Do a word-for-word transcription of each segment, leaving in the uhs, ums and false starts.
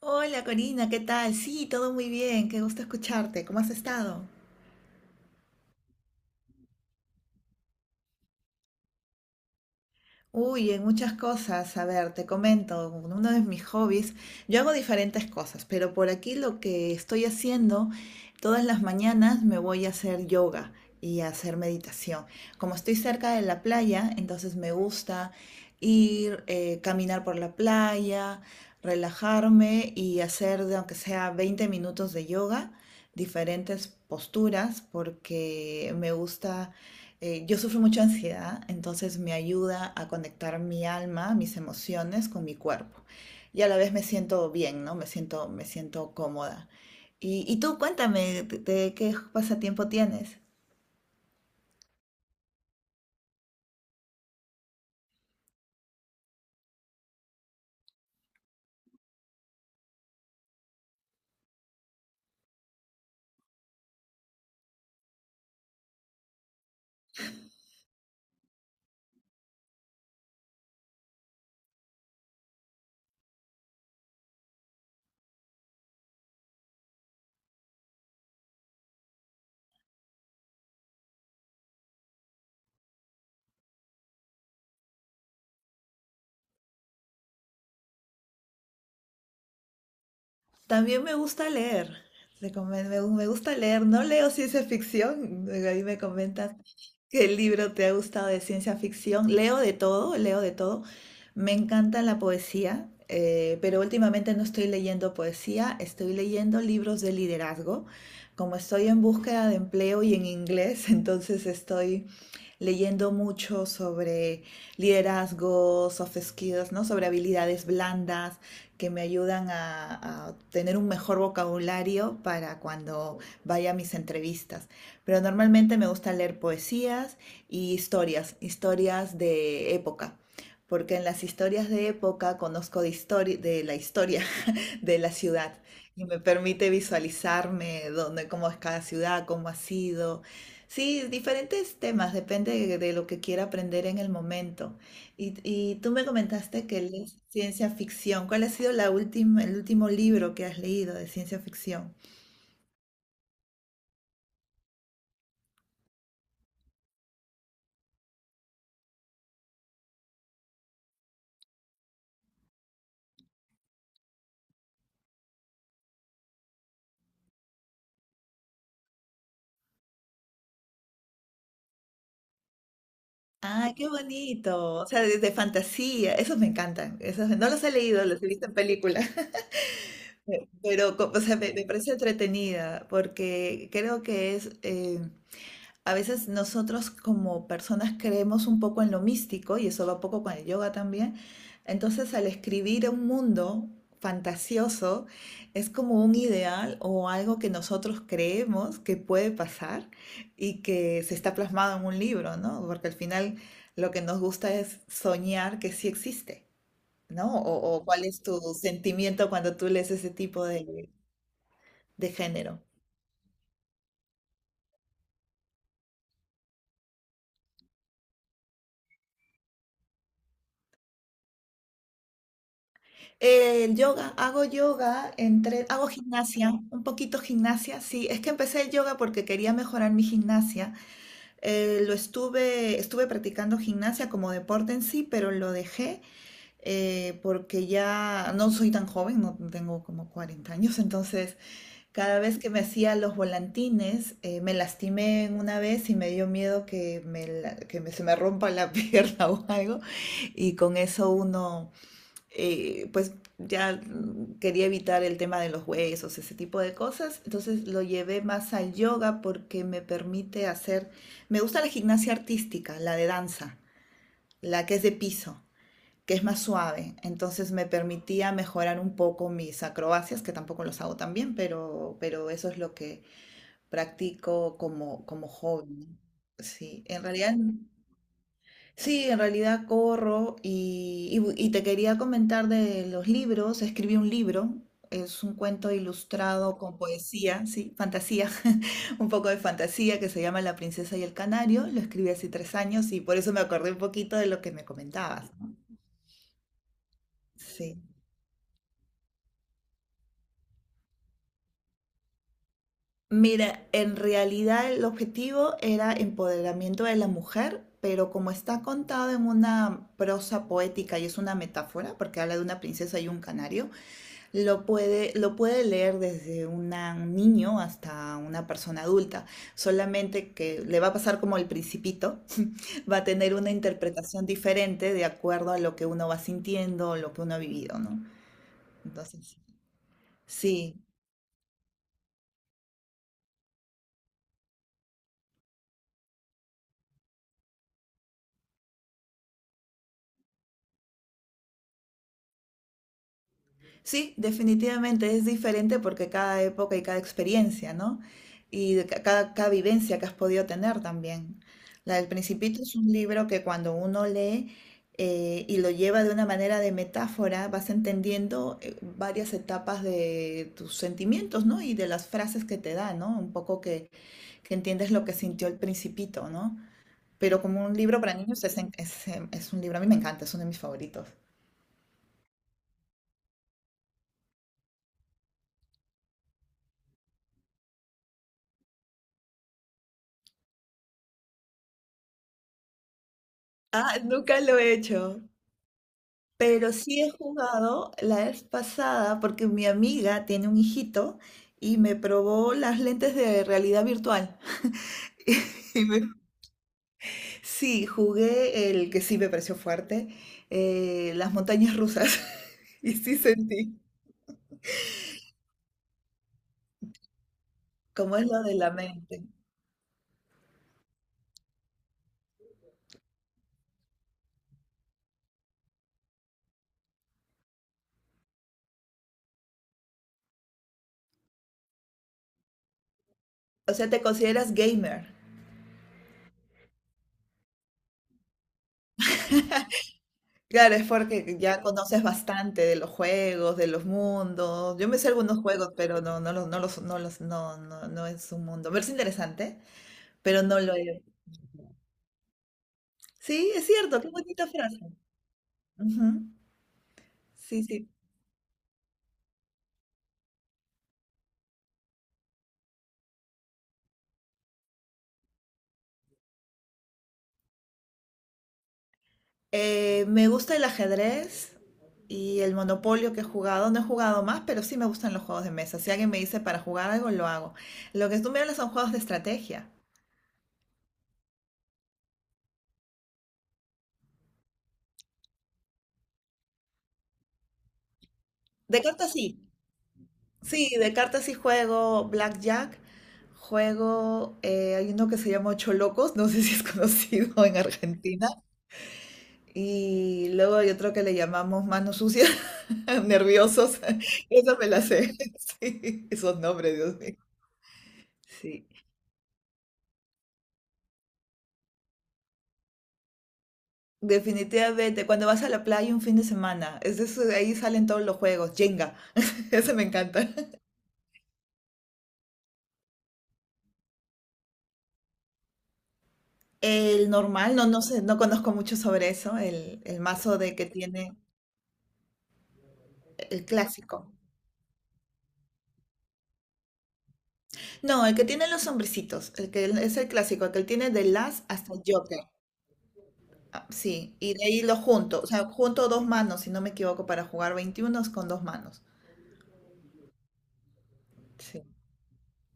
Hola Corina, ¿qué tal? Sí, todo muy bien, qué gusto escucharte. ¿Cómo has estado? Uy, en muchas cosas. A ver, te comento, uno de mis hobbies, yo hago diferentes cosas, pero por aquí lo que estoy haciendo, todas las mañanas me voy a hacer yoga y a hacer meditación. Como estoy cerca de la playa, entonces me gusta ir, eh, caminar por la playa, relajarme y hacer, de aunque sea veinte minutos de yoga, diferentes posturas, porque me gusta eh, yo sufro mucha ansiedad, entonces me ayuda a conectar mi alma, mis emociones con mi cuerpo. Y a la vez me siento bien, ¿no? Me siento, me siento cómoda. Y, y tú cuéntame, ¿de de qué pasatiempo tienes? También me gusta leer. Te comen- Me me gusta leer. No leo ciencia ficción. Ahí me comentas qué libro te ha gustado de ciencia ficción. Leo de todo, leo de todo. Me encanta la poesía, eh, pero últimamente no estoy leyendo poesía. Estoy leyendo libros de liderazgo. Como estoy en búsqueda de empleo y en inglés, entonces estoy leyendo mucho sobre liderazgo, soft skills, ¿no? Sobre habilidades blandas que me ayudan a, a tener un mejor vocabulario para cuando vaya a mis entrevistas. Pero normalmente me gusta leer poesías y historias, historias de época porque en las historias de época conozco de, histori- de la historia de la ciudad y me permite visualizarme dónde, cómo es cada ciudad, cómo ha sido. Sí, diferentes temas, depende de, de lo que quiera aprender en el momento. Y, y tú me comentaste que lees ciencia ficción. ¿Cuál ha sido la última, el último libro que has leído de ciencia ficción? ¡Ay, qué bonito! O sea, de, de fantasía, esos me encantan. Esos, no los he leído, los he visto en películas. Pero, co- o sea, me, me parece entretenida porque creo que es, eh, a veces nosotros como personas creemos un poco en lo místico, y eso va un poco con el yoga también. Entonces, al escribir un mundo fantasioso, es como un ideal o algo que nosotros creemos que puede pasar y que se está plasmado en un libro, ¿no? Porque al final lo que nos gusta es soñar que sí existe, ¿no? O, o cuál es tu sentimiento cuando tú lees ese tipo de, de género. El yoga, hago yoga, entre, hago gimnasia, un poquito gimnasia, sí, es que empecé el yoga porque quería mejorar mi gimnasia. eh, lo estuve, estuve practicando gimnasia como deporte en sí, pero lo dejé eh, porque ya no soy tan joven, no tengo como cuarenta años, entonces cada vez que me hacía los volantines eh, me lastimé en una vez y me dio miedo que, me, la- que me- se me rompa la pierna o algo, y con eso uno eh, pues ya mm, quería evitar el tema de los huesos, ese tipo de cosas. Entonces lo llevé más al yoga porque me permite hacer, me gusta la gimnasia artística, la de danza, la que es de piso, que es más suave. Entonces me permitía mejorar un poco mis acrobacias, que tampoco los hago tan bien, pero, pero eso es lo que practico como, como hobby. ¿No? Sí, en realidad no. Sí, en realidad corro y, y bu- y te quería comentar de los libros. Escribí un libro, es un cuento ilustrado con poesía, sí, fantasía, un poco de fantasía que se llama La princesa y el canario. Lo escribí hace tres años y por eso me acordé un poquito de lo que me comentabas, ¿no? Sí. Mira, en realidad el objetivo era empoderamiento de la mujer, pero como está contado en una prosa poética y es una metáfora, porque habla de una princesa y un canario, lo puede, lo puede leer desde una- un niño hasta una persona adulta, solamente que le va a pasar como el principito, va a tener una interpretación diferente de acuerdo a lo que uno va sintiendo, lo que uno ha vivido, ¿no? Entonces, sí, sí, definitivamente es diferente porque cada época y cada experiencia, ¿no? Y de ca- cada, cada vivencia que has podido tener también. La del Principito es un libro que cuando uno lee eh, y lo lleva de una manera de metáfora, vas entendiendo eh, varias etapas de tus sentimientos, ¿no? Y de las frases que te da, ¿no? Un poco que, que entiendes lo que sintió el Principito, ¿no? Pero como un libro para niños es, en- es, em, es un libro, a mí me encanta, es uno de mis favoritos. Ah, nunca lo he hecho. Pero sí he jugado la vez pasada porque mi amiga tiene un hijito y me probó las lentes de realidad virtual. Y me- sí, jugué el que sí me pareció fuerte, eh, las montañas rusas. Y sí sentí cómo es lo de la mente. O sea, te consideras gamer. Claro, es porque ya conoces bastante de los juegos, de los mundos. Yo me sé algunos juegos, pero no, no los, no los, no los, no, no, no es un mundo. Me parece interesante, pero no lo he. Sí, es cierto, qué bonita frase. Ujú. Sí, sí. Eh, me gusta el ajedrez y el monopolio que he jugado. No he jugado más, pero sí me gustan los juegos de mesa. Si alguien me dice para jugar algo, lo hago. Lo que tú me hablas son juegos de estrategia. De cartas sí. Sí, de cartas sí juego Blackjack. Juego, eh, hay uno que se llama Ocho Locos, no sé si es conocido en Argentina. Y luego hay otro que le llamamos manos sucias, nerviosos. Eso me la sé. Sí, esos nombres, Dios mío. Sí. Definitivamente, cuando vas a la playa un fin de semana, es de eso- de ahí salen todos los juegos. Jenga, ese me encanta. El normal, no, no sé, no conozco mucho sobre eso. El, el mazo de que tiene el clásico. No, el que tiene los hombrecitos, el que es el clásico, el que tiene de las hasta el. Ah, sí, y de ahí lo junto, o sea, junto dos manos, si no me equivoco, para jugar veintiuno con dos manos. Sí.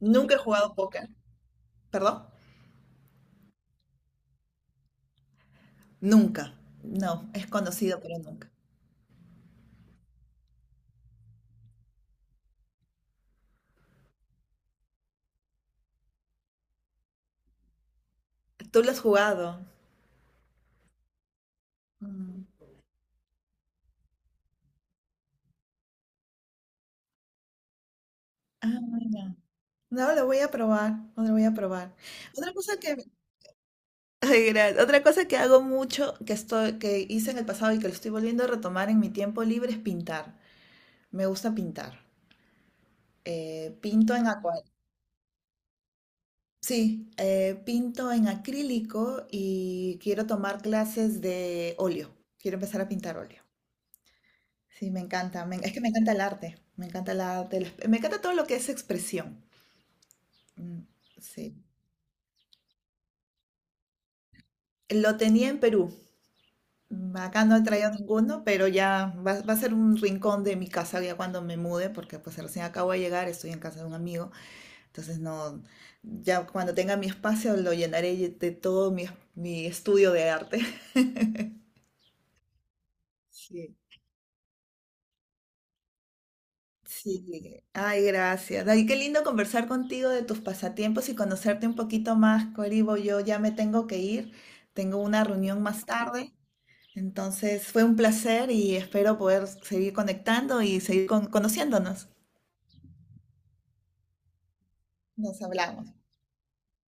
Nunca he jugado póker. ¿Perdón? Nunca. No, es conocido, pero nunca. ¿Tú lo has jugado? Mm. Ah, bueno. No, lo voy a probar, no lo voy a probar. Otra cosa que, ay, gracias. Otra cosa que hago mucho, que estoy, que hice en el pasado y que lo estoy volviendo a retomar en mi tiempo libre es pintar. Me gusta pintar. Eh, pinto en acuarela. Sí, eh, pinto en acrílico y quiero tomar clases de óleo. Quiero empezar a pintar óleo. Sí, me encanta. me- es que me encanta el arte. Me encanta el arte. la- Me encanta todo lo que es expresión. Mm. Sí. Lo tenía en Perú. Mm, acá no he traído ninguno, pero ya va, va a ser un rincón de mi casa ya cuando me mude, porque pues recién acabo de llegar, estoy en casa de un amigo. Entonces no, ya cuando tenga mi espacio lo llenaré de todo mi, mi estudio de arte. Sí. Sí, ay, gracias. Ay, qué lindo conversar contigo de tus pasatiempos y conocerte un poquito más, Coribo. Yo ya me tengo que ir, tengo una reunión más tarde, entonces fue un placer y espero poder seguir conectando y seguir con- conociéndonos. Nos hablamos.